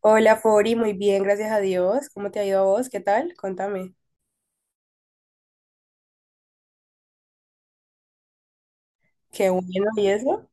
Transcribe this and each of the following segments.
Hola, Fori, muy bien, gracias a Dios. ¿Cómo te ha ido a vos? ¿Qué tal? Contame. Qué bueno, ¿y eso?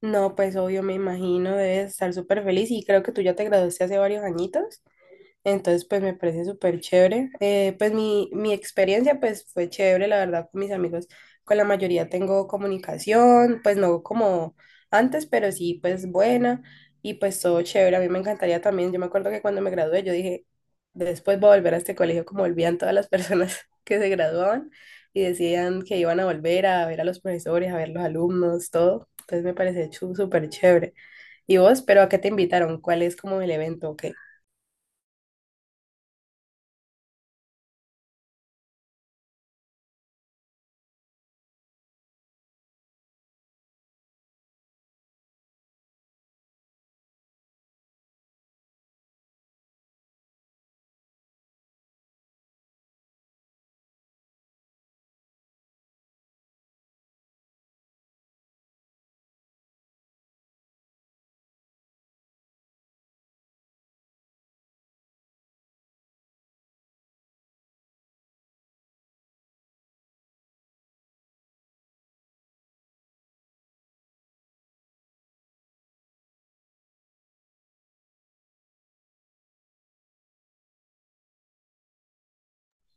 No, pues obvio, me imagino, debes estar súper feliz y creo que tú ya te graduaste hace varios añitos. Entonces, pues me parece súper chévere. Pues mi experiencia pues fue chévere, la verdad, con mis amigos. Con la mayoría tengo comunicación, pues no como antes, pero sí pues buena y pues todo chévere. A mí me encantaría también, yo me acuerdo que cuando me gradué yo dije, después voy a volver a este colegio como volvían todas las personas que se graduaban y decían que iban a volver a ver a los profesores, a ver los alumnos, todo. Entonces me parece súper chévere. ¿Y vos, pero a qué te invitaron? ¿Cuál es como el evento? ¿O qué?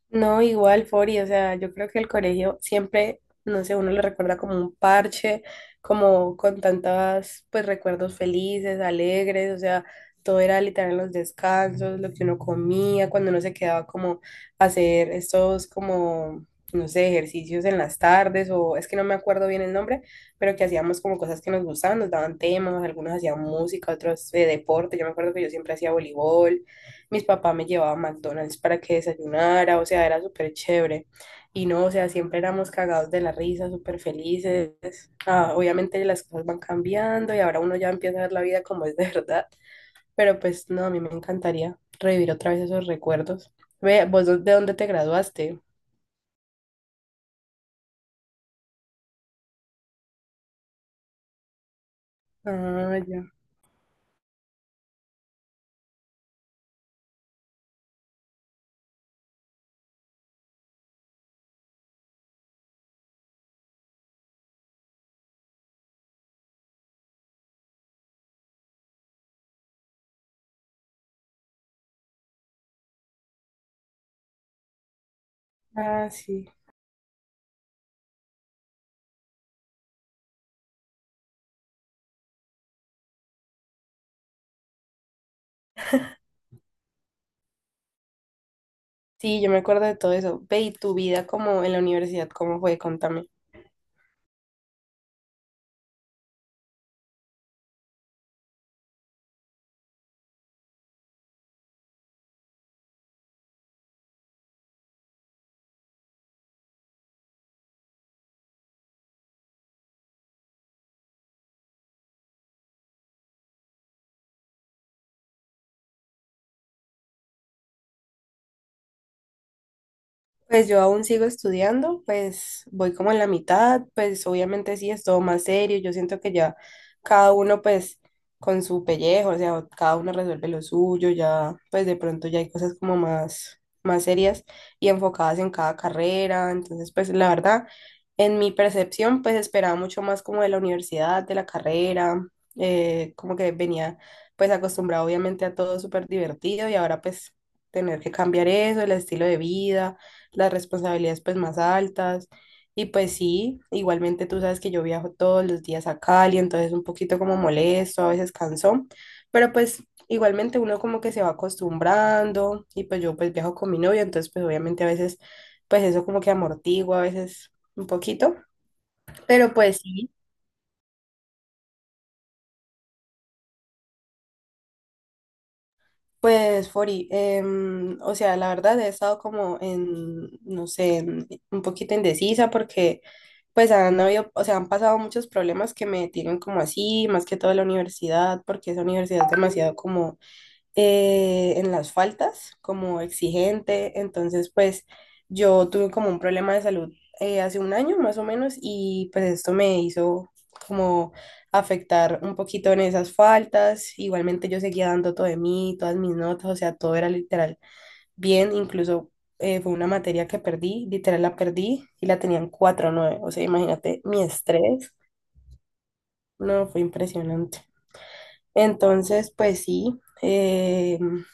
No, igual, Fori, o sea, yo creo que el colegio siempre, no sé, uno lo recuerda como un parche, como con tantas, pues, recuerdos felices, alegres, o sea, todo era literal en los descansos, lo que uno comía, cuando uno se quedaba como a hacer estos como, no sé, ejercicios en las tardes, o es que no me acuerdo bien el nombre, pero que hacíamos como cosas que nos gustaban, nos daban temas, algunos hacían música, otros deporte, yo me acuerdo que yo siempre hacía voleibol, mis papás me llevaban a McDonald's para que desayunara, o sea, era súper chévere. Y no, o sea, siempre éramos cagados de la risa, súper felices. Ah, obviamente las cosas van cambiando y ahora uno ya empieza a ver la vida como es de verdad, pero pues no, a mí me encantaría revivir otra vez esos recuerdos. Ve, ¿vos de dónde te graduaste? Ah, ya. Ah, sí. Sí, yo me acuerdo de todo eso. Ve, ¿y tu vida como en la universidad, cómo fue? Contame. Pues yo aún sigo estudiando, pues voy como en la mitad, pues obviamente sí es todo más serio, yo siento que ya cada uno pues con su pellejo, o sea, cada uno resuelve lo suyo, ya pues de pronto ya hay cosas como más, más serias y enfocadas en cada carrera, entonces pues la verdad, en mi percepción pues esperaba mucho más como de la universidad, de la carrera, como que venía pues acostumbrado obviamente a todo súper divertido y ahora pues tener que cambiar eso, el estilo de vida, las responsabilidades pues más altas. Y pues sí, igualmente tú sabes que yo viajo todos los días a Cali, entonces un poquito como molesto, a veces cansón, pero pues igualmente uno como que se va acostumbrando y pues yo pues viajo con mi novio, entonces pues obviamente a veces pues eso como que amortigua a veces un poquito, pero pues sí. Pues, Fori, o sea, la verdad he estado como en, no sé, un poquito indecisa porque pues han habido, o sea, han pasado muchos problemas que me tienen como así, más que todo la universidad, porque esa universidad es demasiado como en las faltas, como exigente. Entonces, pues yo tuve como un problema de salud hace un año más o menos y pues esto me hizo como afectar un poquito en esas faltas. Igualmente yo seguía dando todo de mí, todas mis notas, o sea, todo era literal bien, incluso fue una materia que perdí, literal la perdí y la tenían cuatro nueve, o sea, imagínate mi estrés, no, fue impresionante. Entonces, pues sí,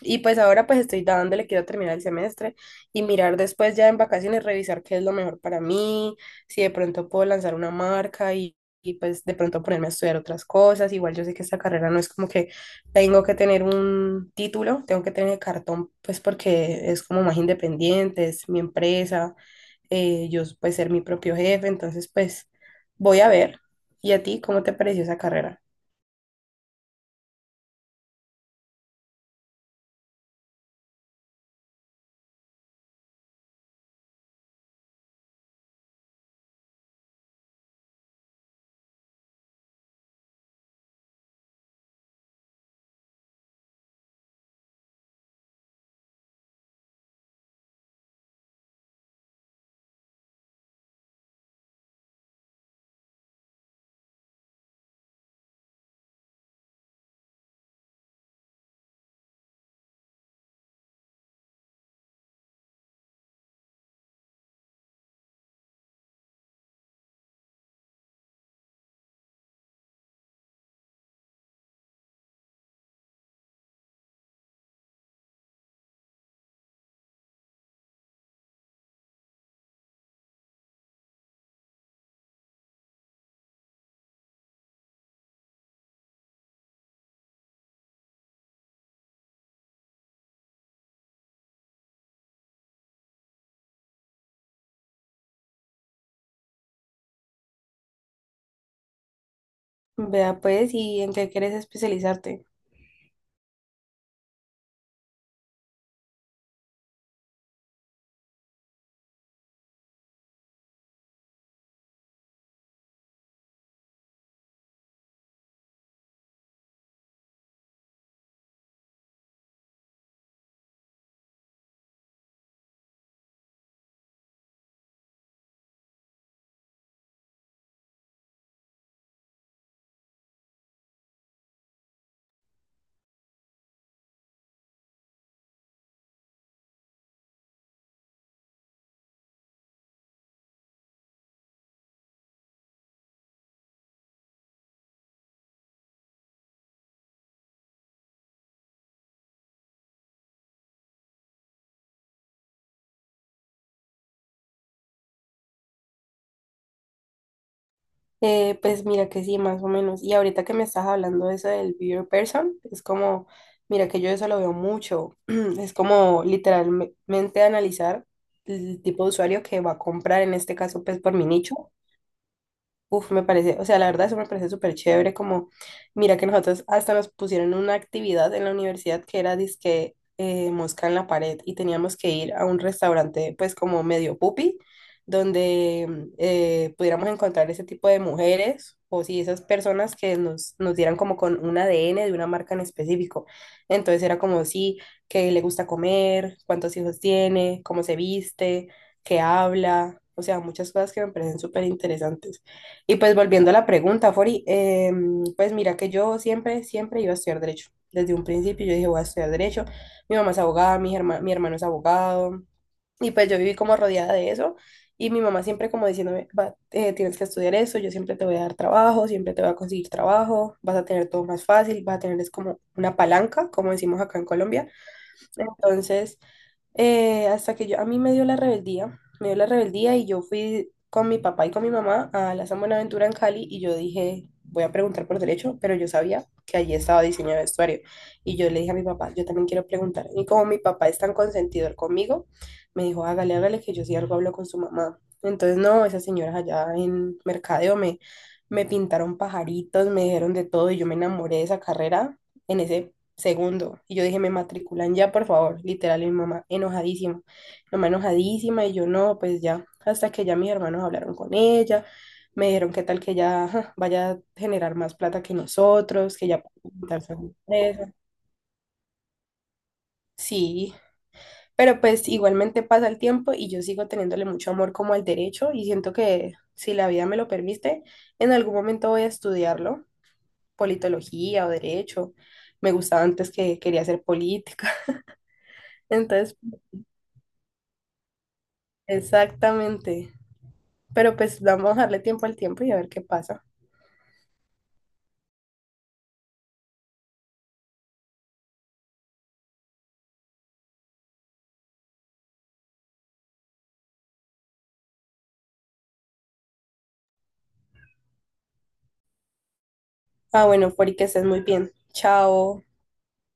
y pues ahora pues estoy dándole, quiero terminar el semestre y mirar después ya en vacaciones, revisar qué es lo mejor para mí, si de pronto puedo lanzar una marca y, pues de pronto ponerme a estudiar otras cosas. Igual yo sé que esta carrera no es como que tengo que tener un título, tengo que tener el cartón pues porque es como más independiente, es mi empresa, yo pues ser mi propio jefe, entonces pues voy a ver. ¿Y a ti cómo te pareció esa carrera? Vea pues, ¿y en qué quieres especializarte? Pues mira que sí, más o menos. Y ahorita que me estás hablando de eso del Be Your Person, es como, mira que yo eso lo veo mucho. Es como literalmente analizar el tipo de usuario que va a comprar, en este caso, pues por mi nicho. Uf, me parece, o sea, la verdad eso me parece súper chévere, como, mira que nosotros hasta nos pusieron una actividad en la universidad que era disque mosca en la pared y teníamos que ir a un restaurante pues como medio pupi, donde pudiéramos encontrar ese tipo de mujeres o si esas personas que nos, nos dieran como con un ADN de una marca en específico. Entonces era como, sí, qué le gusta comer, cuántos hijos tiene, cómo se viste, qué habla, o sea, muchas cosas que me parecen súper interesantes. Y pues volviendo a la pregunta, Fori, pues mira que yo siempre, siempre iba a estudiar derecho. Desde un principio yo dije, voy a estudiar derecho. Mi mamá es abogada, mi hermano es abogado. Y pues yo viví como rodeada de eso. Y mi mamá siempre como diciéndome, "Va, tienes que estudiar eso, yo siempre te voy a dar trabajo, siempre te voy a conseguir trabajo, vas a tener todo más fácil, vas a tener es como una palanca, como decimos acá en Colombia." Entonces hasta que yo, a mí me dio la rebeldía, me dio la rebeldía y yo fui con mi papá y con mi mamá a la San Buenaventura en Cali y yo dije, voy a preguntar por derecho, pero yo sabía que allí estaba diseño de vestuario y yo le dije a mi papá, yo también quiero preguntar. Y como mi papá es tan consentidor conmigo, me dijo, hágale, hágale, que yo sí algo hablo con su mamá. Entonces, no, esas señoras allá en Mercadeo me, me pintaron pajaritos, me dijeron de todo y yo me enamoré de esa carrera en ese segundo. Y yo dije, me matriculan ya, por favor. Literal, y mi mamá enojadísima. Mi mamá enojadísima y yo no, pues ya. Hasta que ya mis hermanos hablaron con ella, me dijeron qué tal que ella ajá, vaya a generar más plata que nosotros, que ya puede montarse en una empresa. Sí, pero pues igualmente pasa el tiempo y yo sigo teniéndole mucho amor como al derecho y siento que si la vida me lo permite, en algún momento voy a estudiarlo, politología o derecho. Me gustaba antes que quería hacer política. Entonces, exactamente. Pero pues vamos a darle tiempo al tiempo y a ver qué pasa. Ah, bueno, Fori, que estés muy bien. Chao.